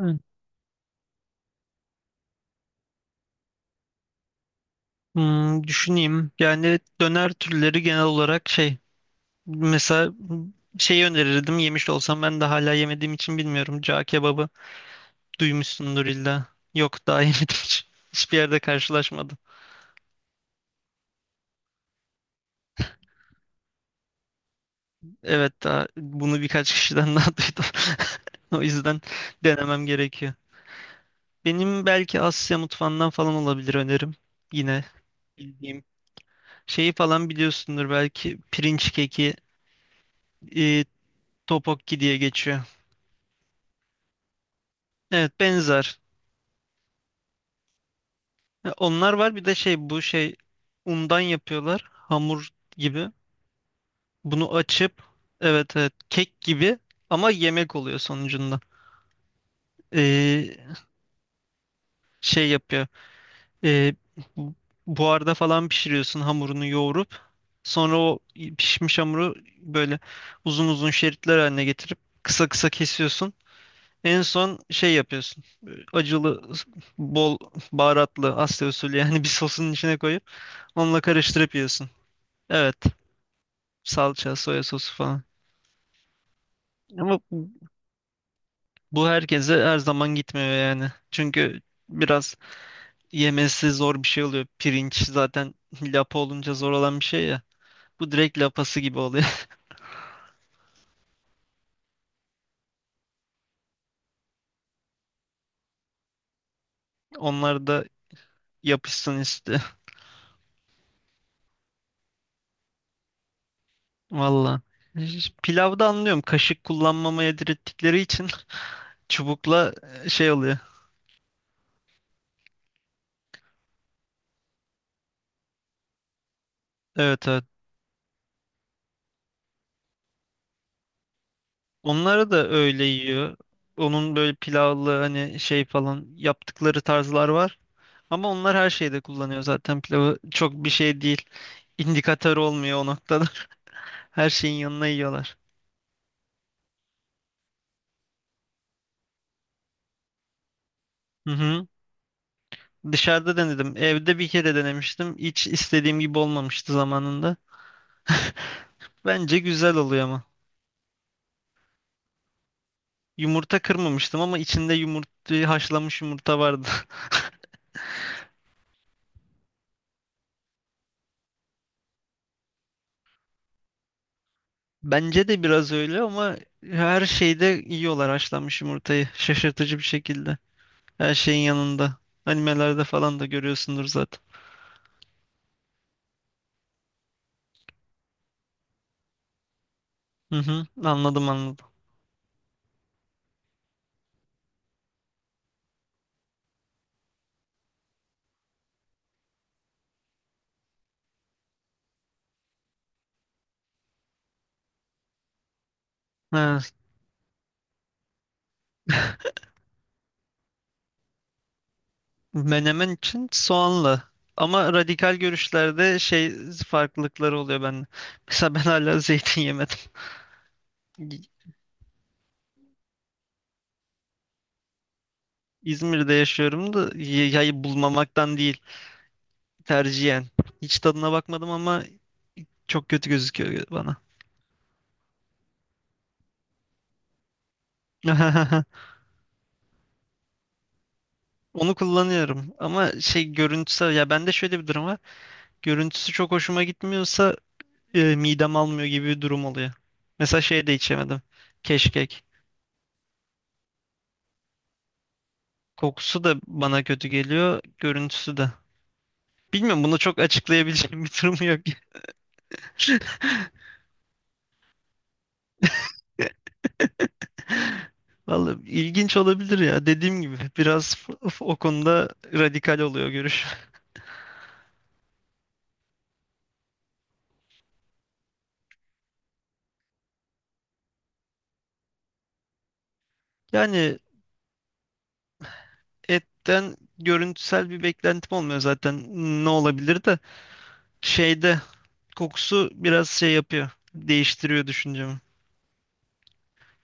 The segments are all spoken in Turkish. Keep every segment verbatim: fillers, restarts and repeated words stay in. Evet. Hmm, düşüneyim. Yani döner türleri genel olarak şey mesela şeyi önerirdim yemiş olsam ben de hala yemediğim için bilmiyorum. Cağ kebabı duymuşsundur illa. Yok daha yemedim hiç. Hiçbir yerde karşılaşmadım. Evet daha bunu birkaç kişiden daha duydum. O yüzden denemem gerekiyor. Benim belki Asya mutfağından falan olabilir önerim. Yine bildiğim şeyi falan biliyorsundur belki pirinç keki, e, tteokbokki diye geçiyor. Evet benzer. Ya onlar var bir de şey bu şey undan yapıyorlar hamur gibi. Bunu açıp evet evet kek gibi ama yemek oluyor sonucunda. Ee, şey yapıyor. Ee, bu- Buharda falan pişiriyorsun hamurunu yoğurup sonra o pişmiş hamuru böyle uzun uzun şeritler haline getirip kısa kısa kesiyorsun. En son şey yapıyorsun. Acılı bol baharatlı Asya usulü yani bir sosun içine koyup onunla karıştırıp yiyorsun. Evet. Salça, soya sosu falan. Ama bu bu herkese her zaman gitmiyor yani. Çünkü biraz yemesi zor bir şey oluyor. Pirinç zaten lapa olunca zor olan bir şey ya. Bu direkt lapası gibi oluyor. Onlar da yapışsın istiyor. Valla. Ş- Pilavda anlıyorum. Kaşık kullanmamaya direttikleri için çubukla e, şey oluyor. Evet evet. Onları da öyle yiyor. Onun böyle pilavlı hani şey falan yaptıkları tarzlar var. Ama onlar her şeyde kullanıyor zaten pilavı. Çok bir şey değil. İndikatör olmuyor o noktada. Her şeyin yanına yiyorlar. Hı hı. Dışarıda denedim. Evde bir kere denemiştim. Hiç istediğim gibi olmamıştı zamanında. Bence güzel oluyor ama. Yumurta kırmamıştım ama içinde yumurta, haşlanmış yumurta vardı. Bence de biraz öyle ama her şeyde yiyorlar haşlanmış yumurtayı. Şaşırtıcı bir şekilde. Her şeyin yanında. Animelerde falan da görüyorsundur zaten. Hı hı, anladım anladım. Ha, menemen için soğanlı. Ama radikal görüşlerde şey farklılıkları oluyor ben. Mesela ben hala zeytin yemedim. İ- İzmir'de yaşıyorum da y- yayı bulmamaktan değil tercihen. Hiç tadına bakmadım ama çok kötü gözüküyor bana. Onu kullanıyorum ama şey görüntüsü ya bende şöyle bir durum var. Görüntüsü çok hoşuma gitmiyorsa e, midem almıyor gibi bir durum oluyor. Mesela şey de içemedim. Keşkek. Kokusu da bana kötü geliyor, görüntüsü de. Bilmiyorum bunu çok açıklayabileceğim bir durum yok. Vallahi ilginç olabilir ya. Dediğim gibi biraz f- f- o konuda radikal oluyor görüş. Yani etten görüntüsel bir beklentim olmuyor zaten. Ne olabilir de şeyde kokusu biraz şey yapıyor. Değiştiriyor düşüncemi.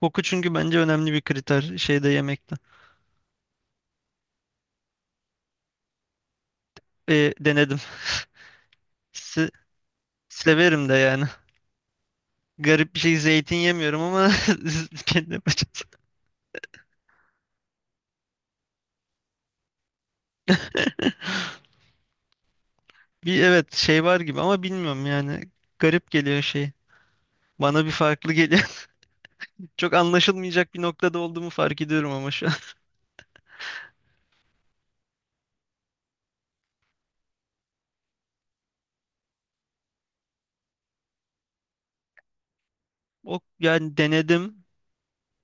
Koku çünkü bence önemli bir kriter şeyde yemekte. E, denedim. Se- Severim de yani. Garip bir şey zeytin yemiyorum ama kendi yapacağız. Bir evet şey var gibi ama bilmiyorum yani. Garip geliyor şey. Bana bir farklı geliyor. Çok anlaşılmayacak bir noktada olduğumu fark ediyorum ama şu an. O yani denedim.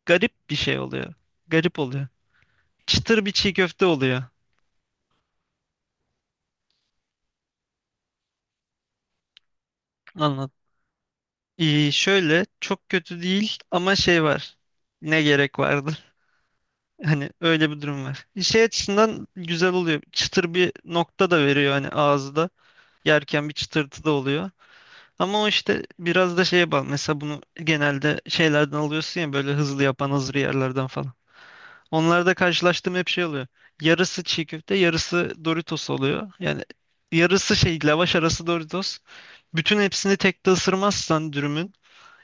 Garip bir şey oluyor. Garip oluyor. Çıtır bir çiğ köfte oluyor. Anlat. Ee, şöyle çok kötü değil ama şey var. Ne gerek vardı? Hani öyle bir durum var. Şey açısından güzel oluyor. Çıtır bir nokta da veriyor hani ağızda. Yerken bir çıtırtı da oluyor. Ama o işte biraz da şeye bağlı. Mesela bunu genelde şeylerden alıyorsun ya böyle hızlı yapan hazır yerlerden falan. Onlarda karşılaştığım hep şey oluyor. Yarısı çiğ köfte, yarısı Doritos oluyor. Yani yarısı şey lavaş arası Doritos. Bütün hepsini tek de ısırmazsan dürümün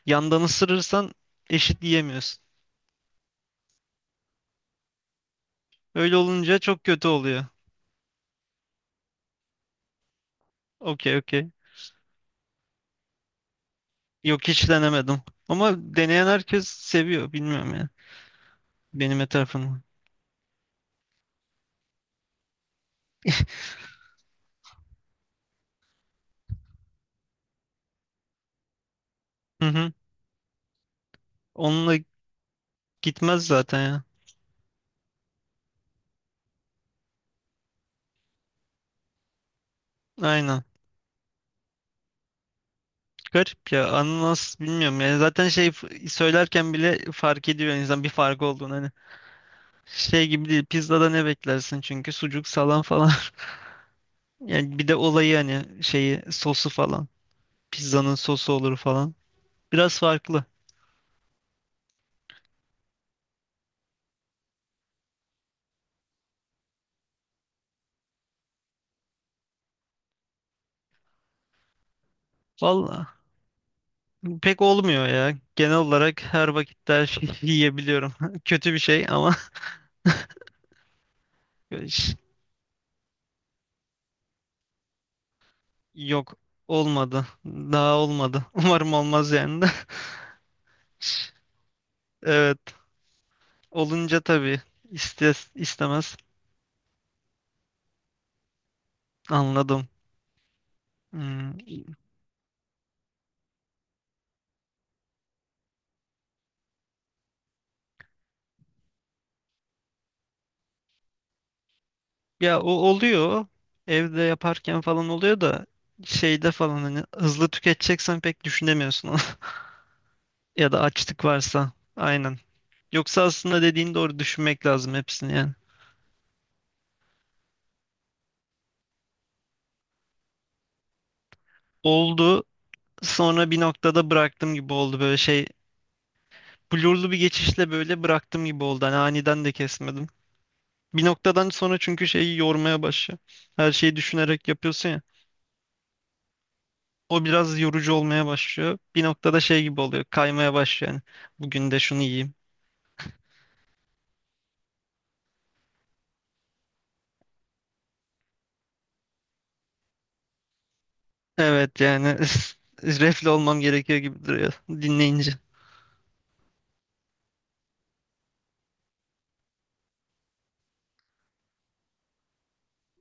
yandan ısırırsan eşit yiyemiyorsun. Öyle olunca çok kötü oluyor. Okey okey. Yok hiç denemedim. Ama deneyen herkes seviyor. Bilmiyorum ya. Benim etrafımda. Hı hı. Onunla gitmez zaten ya. Aynen. Garip ya ananas bilmiyorum yani zaten şey f- söylerken bile fark ediyor insan bir fark olduğunu hani şey gibi değil pizzada ne beklersin çünkü sucuk salam falan yani bir de olayı hani şeyi sosu falan pizzanın sosu olur falan biraz farklı. Valla pek olmuyor ya genel olarak her vakitte her şeyi yiyebiliyorum kötü bir şey ama iş- yok olmadı daha olmadı umarım olmaz yani de evet olunca tabii istes istemez. Anladım. Hmm. Ya o oluyor. Evde yaparken falan oluyor da şeyde falan hani hızlı tüketeceksen pek düşünemiyorsun onu. Ya da açlık varsa. Aynen. Yoksa aslında dediğin doğru düşünmek lazım hepsini yani. Oldu. Sonra bir noktada bıraktım gibi oldu böyle şey. Blurlu bir geçişle böyle bıraktım gibi oldu. Hani aniden de kesmedim. Bir noktadan sonra çünkü şeyi yormaya başlıyor. Her şeyi düşünerek yapıyorsun ya. O biraz yorucu olmaya başlıyor. Bir noktada şey gibi oluyor. Kaymaya başlıyor yani. Bugün de şunu yiyeyim. Evet yani refle olmam gerekiyor gibi duruyor dinleyince.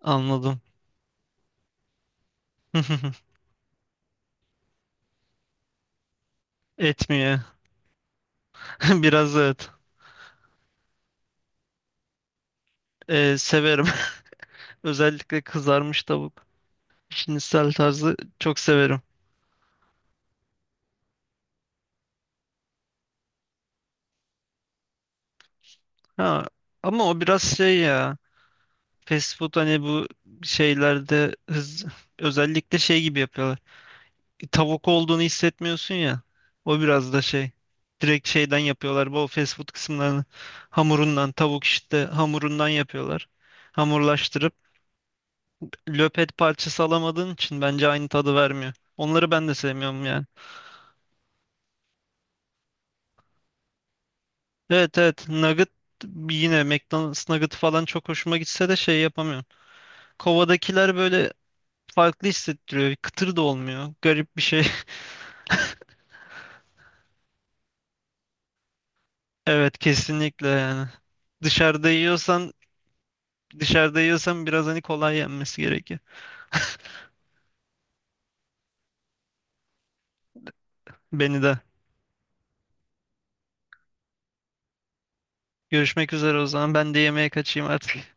Anladım. Etmiyor. Biraz evet. Ee, severim. Özellikle kızarmış tavuk. Şinisel tarzı çok severim. Ha, ama o biraz şey ya. Fast food hani bu şeylerde hız, özellikle şey gibi yapıyorlar. Tavuk olduğunu hissetmiyorsun ya. O biraz da şey. Direkt şeyden yapıyorlar. Bu fast food kısımlarını hamurundan, tavuk işte hamurundan yapıyorlar. Hamurlaştırıp löpet parçası alamadığın için bence aynı tadı vermiyor. Onları ben de sevmiyorum yani. Evet evet, nugget yine McDonald's nugget falan çok hoşuma gitse de şey yapamıyorum. Kovadakiler böyle farklı hissettiriyor. Kıtır da olmuyor. Garip bir şey. Evet kesinlikle yani. Dışarıda yiyorsan Dışarıda yiyorsam biraz hani kolay yenmesi gerekiyor. Beni de. Görüşmek üzere o zaman. Ben de yemeğe kaçayım artık.